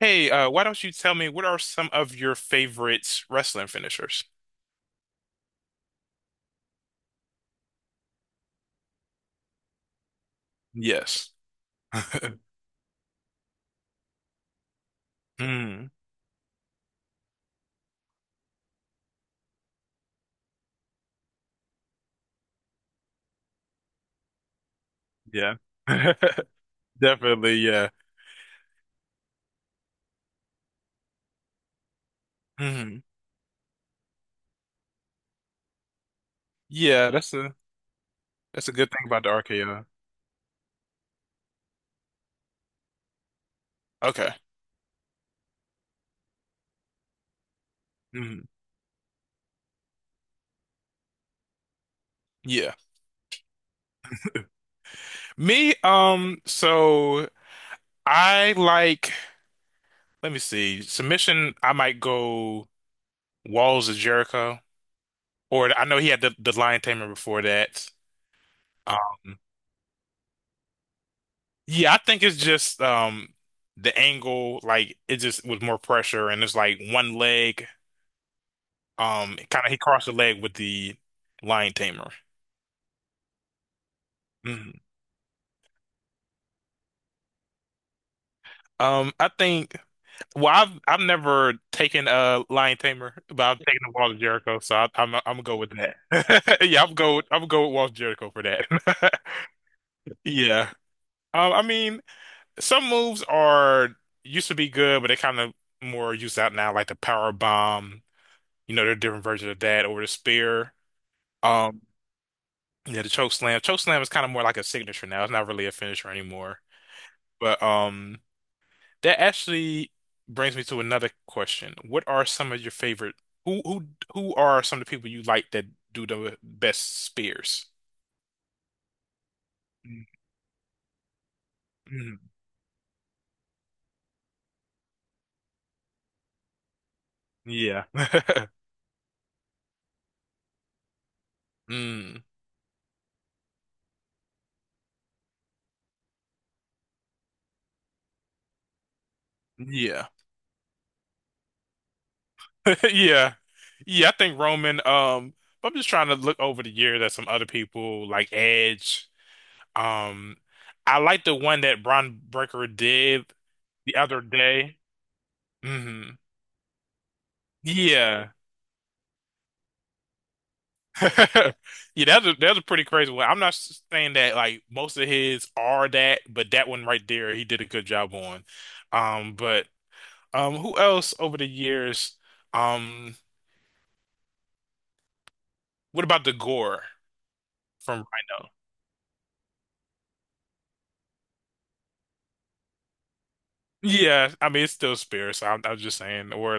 Hey, why don't you tell me what are some of your favorite wrestling finishers? Yes. Mm, yeah. Definitely, yeah. Mhm. Yeah, that's a good thing about the RKO. Okay. Mhm. Yeah. Me, I like, let me see, submission, I might go Walls of Jericho, or I know he had the Lion Tamer before that. Um, Yeah, I think it's just the angle, like it just was more pressure and it's like one leg. Kind of he crossed the leg with the lion tamer. Mhm. I think well I've never taken a lion tamer, but I've taken the Walls of Jericho, so I'm gonna go with that. Yeah, I'm gonna go with Walls of Jericho for that. Yeah. I mean some moves are used to be good, but they kind of more used out now, like the power bomb. You know, there are different versions of that or the spear. Um, yeah, the choke slam. Choke slam is kind of more like a signature now. It's not really a finisher anymore. But that actually brings me to another question. What are some of your favorite? Who who are some of the people you like that do the best spears? Mm, mm, yeah. Mm, yeah. Yeah. Yeah, I think Roman, I'm just trying to look over the years at some other people like Edge. Um, I like the one that Bron Breaker did the other day. hmm Yeah. Yeah, that's a pretty crazy one. I'm not saying that like most of his are that, but that one right there, he did a good job on. But who else over the years? Um, what about the gore from Rhino? Yeah, I mean it's still Spear, so I was just saying. Or,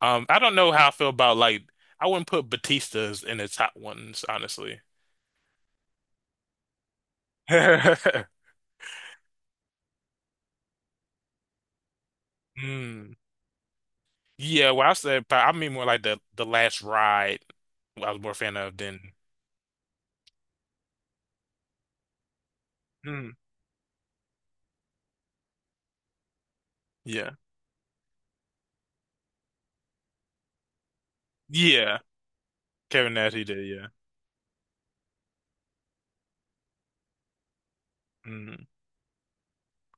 I don't know how I feel about like I wouldn't put Batista's in the top ones, honestly. Mm. Yeah, well, I said, but I mean more like the last ride. I was more a fan of than. Mm. Yeah, yeah. Kevin Nash, he did. Yeah. Mm.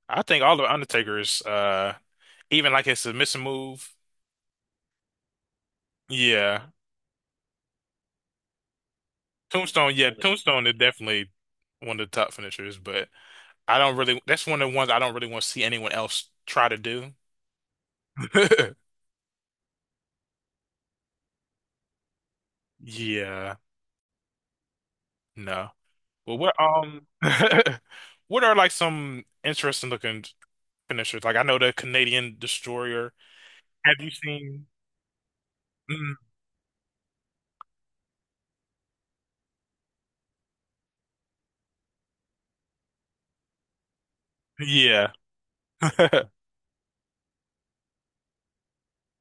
I think all the Undertaker's, even like his submission move. Yeah, Tombstone. Yeah, Tombstone is definitely one of the top finishers, but I don't really. That's one of the ones I don't really want to see anyone else try to do. Yeah, no. Well, what what are like some interesting looking finishers. Like I know the Canadian destroyer. Have you seen? Mm, yeah.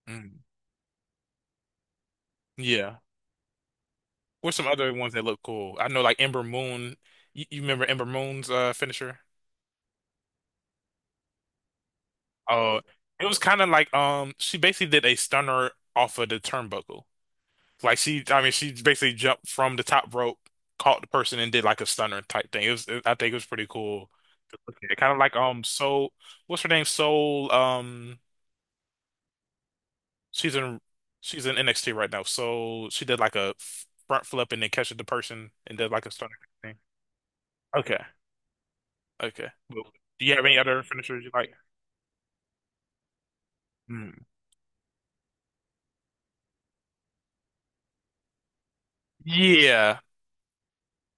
Mm, yeah. What's some other ones that look cool? I know like Ember Moon. You remember Ember Moon's finisher? Oh, it was kind of like she basically did a stunner off of the turnbuckle. Like she, I mean, she basically jumped from the top rope, caught the person, and did like a stunner type thing. It was, I think, it was pretty cool to look at. Kind of like Soul, what's her name? Soul She's in she's in NXT right now. So she did like a front flip and then catches the person and did like a stunner thing. Okay. Okay. Well, do you have any other finishers you like? Hmm. Yeah.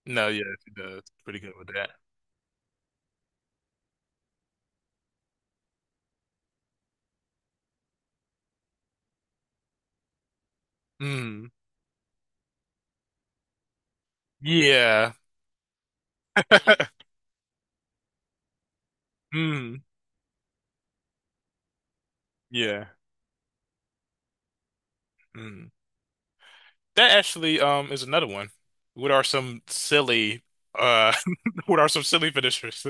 No, yeah, she does. Pretty good with that. Mm. Yeah. Mm. Yeah. Mm. That actually is another one. What are some silly uh what are some silly finishers?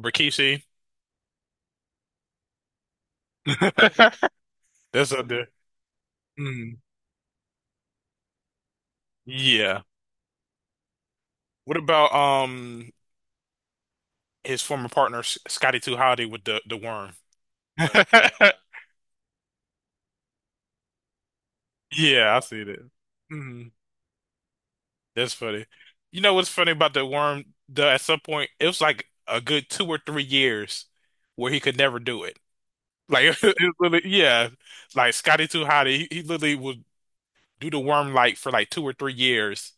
Rikishi. That's up there. Mm. Yeah. What about his former partner Scotty Too Hotty with the worm. Yeah, I see that. hmm That's funny. You know what's funny about the worm? The at some point it was like a good 2 or 3 years where he could never do it. Like it was literally, yeah, like Scotty Too Hotty, he literally would do the worm like for like 2 or 3 years,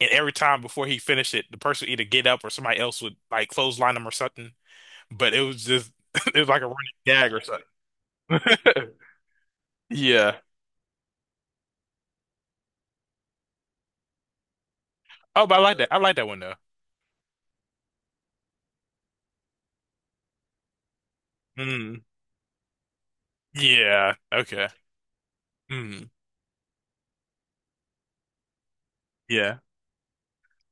and every time before he finished it, the person would either get up or somebody else would like clothesline him or something. But it was just it was like a running gag or something. Yeah. Oh, but I like that. I like that one though. Mm. Yeah. Okay. Mm. Yeah.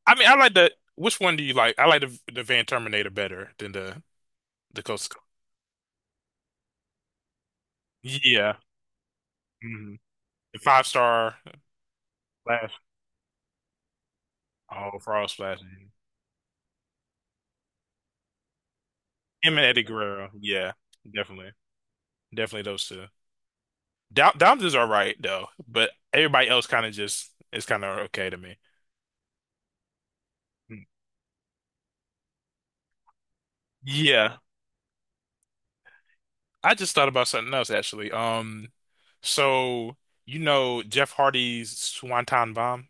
I mean, I like the. Which one do you like? I like the Van Terminator better than the Coast to Coast. Yeah. Mm. The five-star Flash. Oh, Frost Flash. Him and Eddie Guerrero. Yeah. Definitely. Definitely those two. Dom Dom's is all right though, but everybody else kind of just is kind of okay to me. Mm. Yeah. I just thought about something else actually. So you know Jeff Hardy's Swanton Bomb.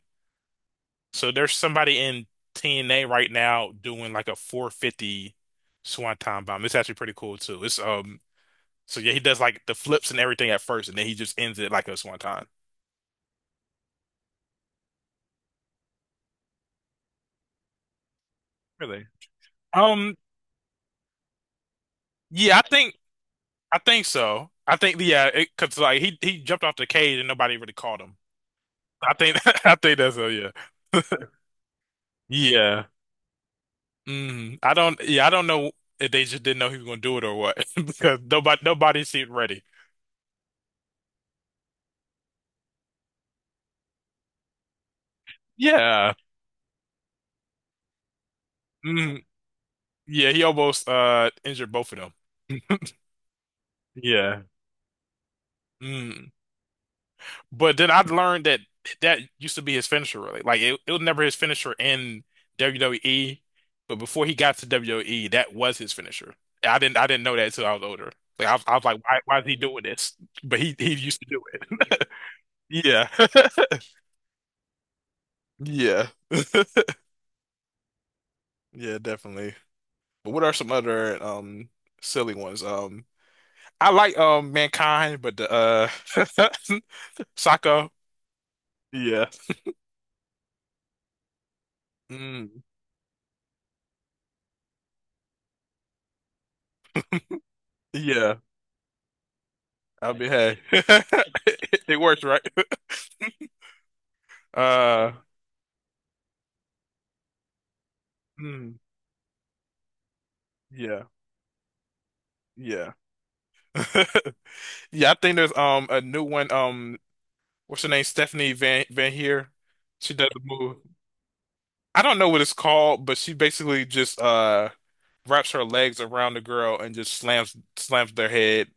So there's somebody in TNA right now doing like a 450 swanton bomb. It's actually pretty cool too. It's so yeah, he does like the flips and everything at first, and then he just ends it like a swanton. Really? Um, yeah, I think so. I think yeah, cause like he jumped off the cage and nobody really caught him. I think I think that's so yeah. Yeah. I don't yeah, I don't know if they just didn't know he was gonna do it or what because nobody seemed ready. Yeah. Mm. Yeah, he almost injured both of them. Yeah. Mm. But then I learned that that used to be his finisher, really. Like it was never his finisher in WWE, but before he got to WWE, that was his finisher. I didn't know that until I was older. Like I was like, why is he doing this? But he used to do it. Yeah. Yeah. Yeah, definitely. But what are some other silly ones? I like Mankind, but the Saka. Yeah. Mm. Yeah. I mean, hey, it works, right? Uh, mm. Yeah. Yeah. Yeah. I think there's a new one. What's her name? Stephanie Van Heer. She does the move. I don't know what it's called, but she basically just wraps her legs around the girl and just slams their head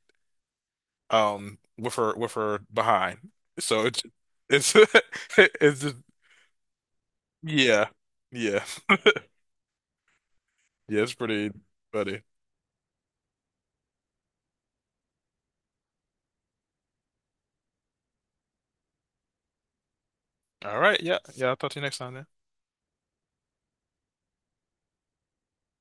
with her behind. So it's it's just yeah, yeah, yeah. It's pretty funny. All right. Yeah. Yeah. I'll talk to you next time then.